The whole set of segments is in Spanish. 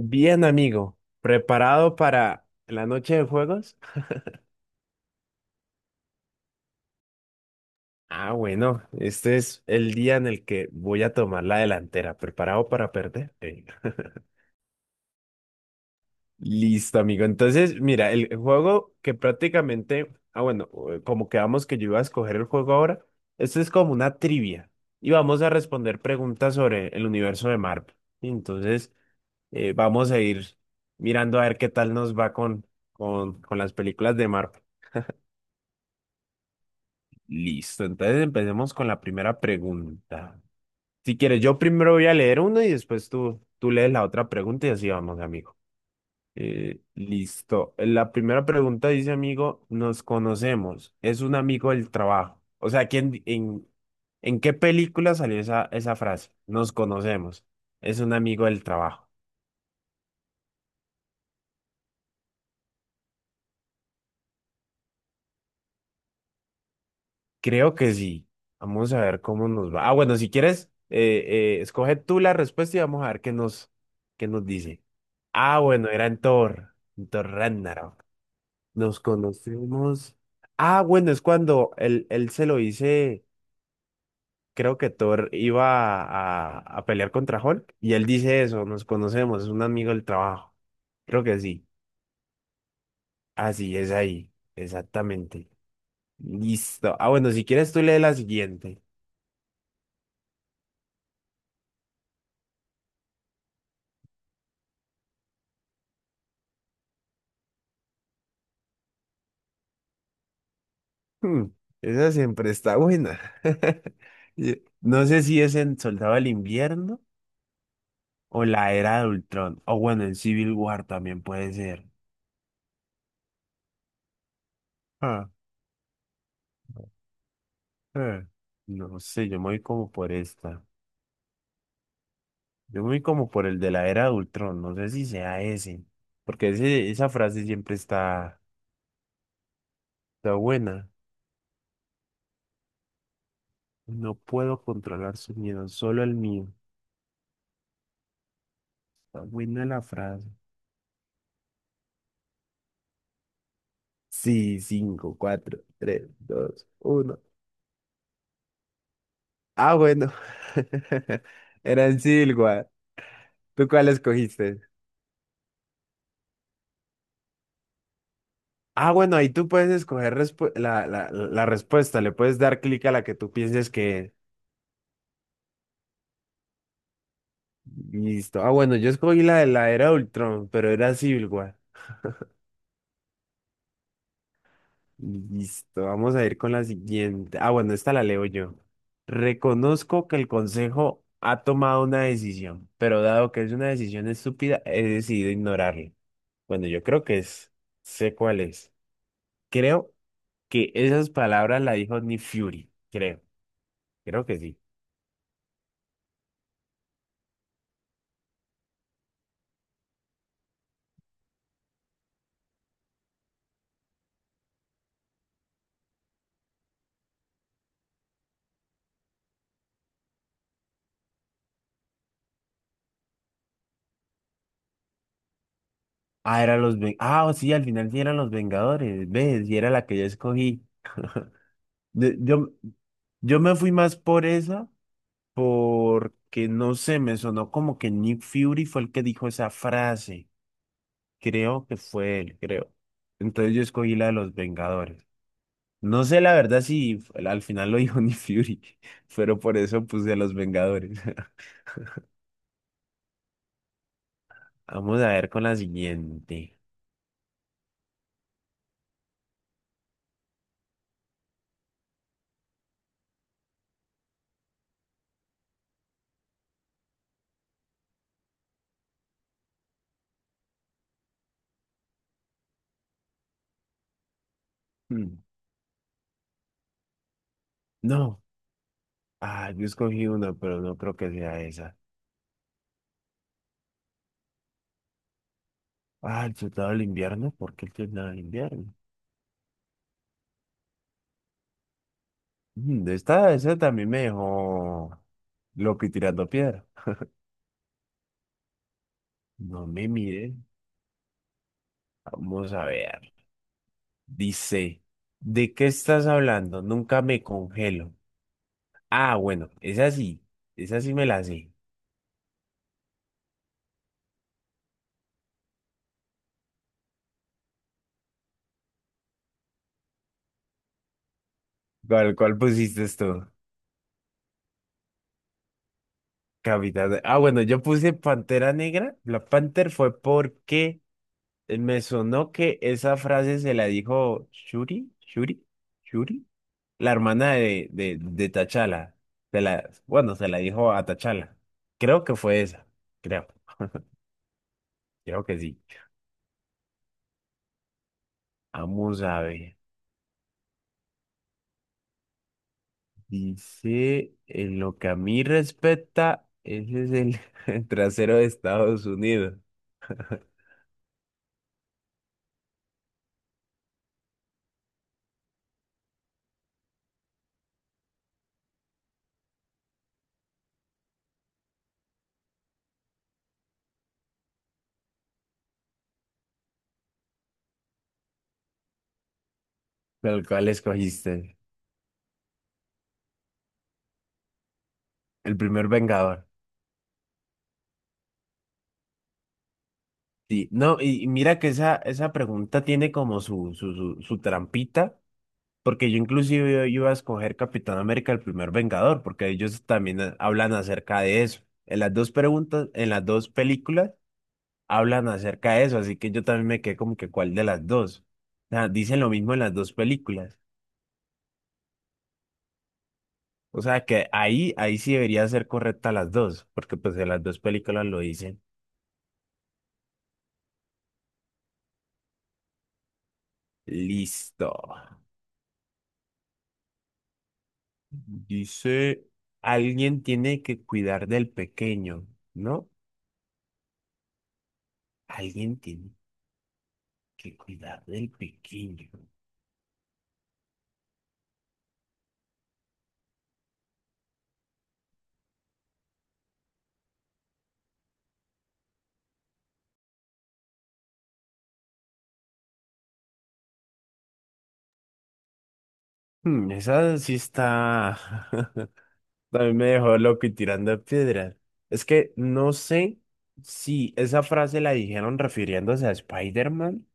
Bien, amigo, ¿preparado para la noche de juegos? Ah, bueno, este es el día en el que voy a tomar la delantera. ¿Preparado para perder? Listo, amigo. Entonces, mira, el juego que prácticamente, ah, bueno, como quedamos que yo iba a escoger el juego ahora, esto es como una trivia y vamos a responder preguntas sobre el universo de Marvel. Y entonces, Vamos a ir mirando a ver qué tal nos va con las películas de Marvel. Listo, entonces empecemos con la primera pregunta. Si quieres, yo primero voy a leer una y después tú lees la otra pregunta y así vamos, amigo. Listo. La primera pregunta dice, amigo, nos conocemos. Es un amigo del trabajo. O sea, ¿quién, en qué película salió esa frase? Nos conocemos. Es un amigo del trabajo. Creo que sí. Vamos a ver cómo nos va. Ah, bueno, si quieres, escoge tú la respuesta y vamos a ver qué nos dice. Ah, bueno, era en Thor Ragnarok. Nos conocimos. Ah, bueno, es cuando él se lo dice, creo que Thor iba a pelear contra Hulk y él dice eso, nos conocemos, es un amigo del trabajo. Creo que sí. Así es ahí, exactamente. Listo. Ah, bueno, si quieres tú lee la siguiente. Hmm, Esa siempre está buena. No sé si es en Soldado del Invierno o la Era de Ultrón. O bueno, en Civil War también puede ser. Ah, eh, No sé, yo me voy como por esta. Yo me voy como por el de la Era de Ultrón. No sé si sea ese. Porque ese, esa frase siempre está buena. No puedo controlar su miedo, solo el mío. Está buena la frase. Sí, cinco, cuatro, tres, dos, uno. Ah, bueno. Era en Silgua. ¿Tú cuál escogiste? Ah, bueno, ahí tú puedes escoger la respuesta. Le puedes dar clic a la que tú pienses que. Listo. Ah, bueno, yo escogí la de la Era Ultron, pero era Civil War. Listo. Vamos a ir con la siguiente. Ah, bueno, esta la leo yo. Reconozco que el consejo ha tomado una decisión, pero dado que es una decisión estúpida, he decidido ignorarla. Bueno, yo creo que es. Sé cuál es. Creo que esas palabras la dijo Nick Fury, creo que sí. Ah, ah, sí, al final sí eran los Vengadores, ¿ves? Y era la que yo escogí. De- Yo, yo me fui más por esa, porque no sé, me sonó como que Nick Fury fue el que dijo esa frase. Creo que fue él, creo. Entonces yo escogí la de los Vengadores. No sé la verdad si al final lo dijo Nick Fury, pero por eso puse a los Vengadores. Vamos a ver con la siguiente. Hmm. No, ah, yo escogí una, pero no creo que sea esa. Ah, el soldado del invierno, ¿por qué el soldado del invierno? Esta, esa también me dejó loco y tirando piedra. No me mire, vamos a ver. Dice, ¿de qué estás hablando? Nunca me congelo. Ah, bueno, esa sí me la sé. ¿Cuál pusiste tú? Capitán. Ah, bueno, yo puse Pantera Negra. La Panther fue porque me sonó que esa frase se la dijo Shuri, la hermana de T'Challa. Bueno, se la dijo a T'Challa. Creo que fue esa. Creo, creo que sí. Vamos a ver. Dice, en lo que a mí respecta, ese es el, el trasero de Estados Unidos, el cual escogiste. El primer Vengador. Sí, no, y mira que esa pregunta tiene como su trampita. Porque yo inclusive yo iba a escoger Capitán América, el primer Vengador, porque ellos también hablan acerca de eso. En las dos preguntas, en las dos películas, hablan acerca de eso, así que yo también me quedé como que cuál de las dos. O sea, dicen lo mismo en las dos películas. O sea que ahí sí debería ser correcta las dos, porque pues en las dos películas lo dicen. Listo. Dice, alguien tiene que cuidar del pequeño, ¿no? Alguien tiene que cuidar del pequeño. Esa sí está. También me dejó loco y tirando piedras. Es que no sé si esa frase la dijeron refiriéndose a Spider-Man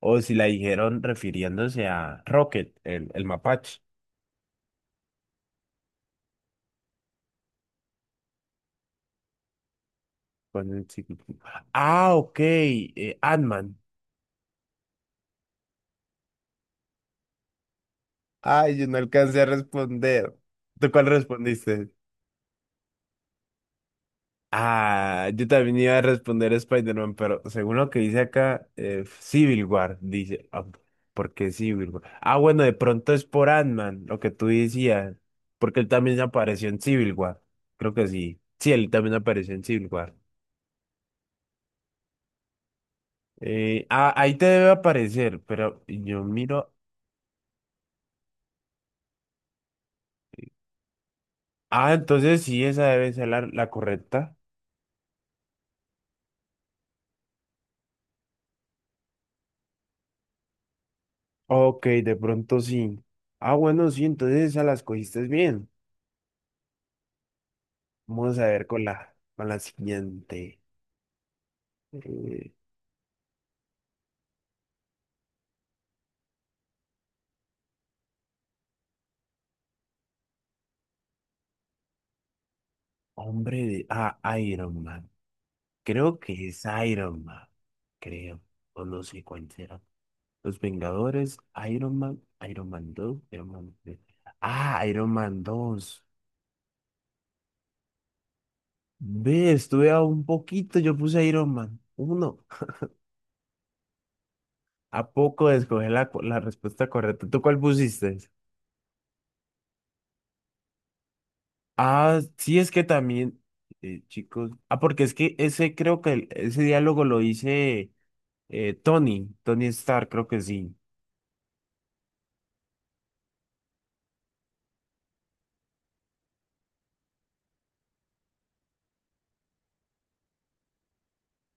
o si la dijeron refiriéndose a Rocket, el mapache. Con el chico. Ah, ok, Ant-Man. Ay, yo no alcancé a responder. ¿Tú cuál respondiste? Ah, yo también iba a responder Spider-Man, pero según lo que dice acá, Civil War, dice. Ah, ¿por qué Civil War? Ah, bueno, de pronto es por Ant-Man, lo que tú decías, porque él también apareció en Civil War. Creo que sí. Sí, él también apareció en Civil War. Ah, ahí te debe aparecer, pero yo miro. Ah, entonces sí, esa debe ser la correcta. Ok, de pronto sí. Ah, bueno, sí, entonces esa las cogiste bien. Vamos a ver con la siguiente. Eh, Hombre de. Ah, Iron Man. Creo que es Iron Man. Creo. O no sé cuál será. Los Vengadores, Iron Man, Iron Man dos, Iron Man 3. Ah, Iron Man dos. Ve, estuve a un poquito, yo puse Iron Man uno. ¿A poco escogí la respuesta correcta? ¿Tú cuál pusiste? Ah, sí, es que también, chicos. Ah, porque es que ese creo que ese diálogo lo hice, Tony Stark, creo que sí.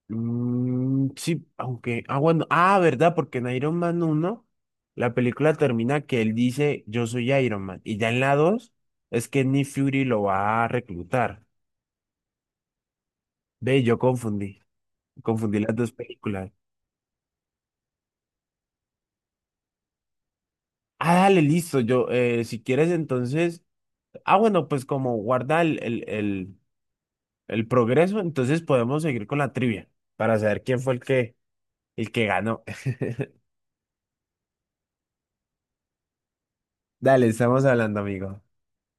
Mm, sí, aunque, ah, bueno, ah, ¿verdad? Porque en Iron Man uno, la película termina que él dice, yo soy Iron Man, y ya en la 2 es que Nick Fury lo va a reclutar. Ve, yo confundí las dos películas. Ah, dale, listo, yo, si quieres entonces, ah, bueno, pues como guarda el progreso, entonces podemos seguir con la trivia para saber quién fue el que, ganó. Dale, estamos hablando, amigo.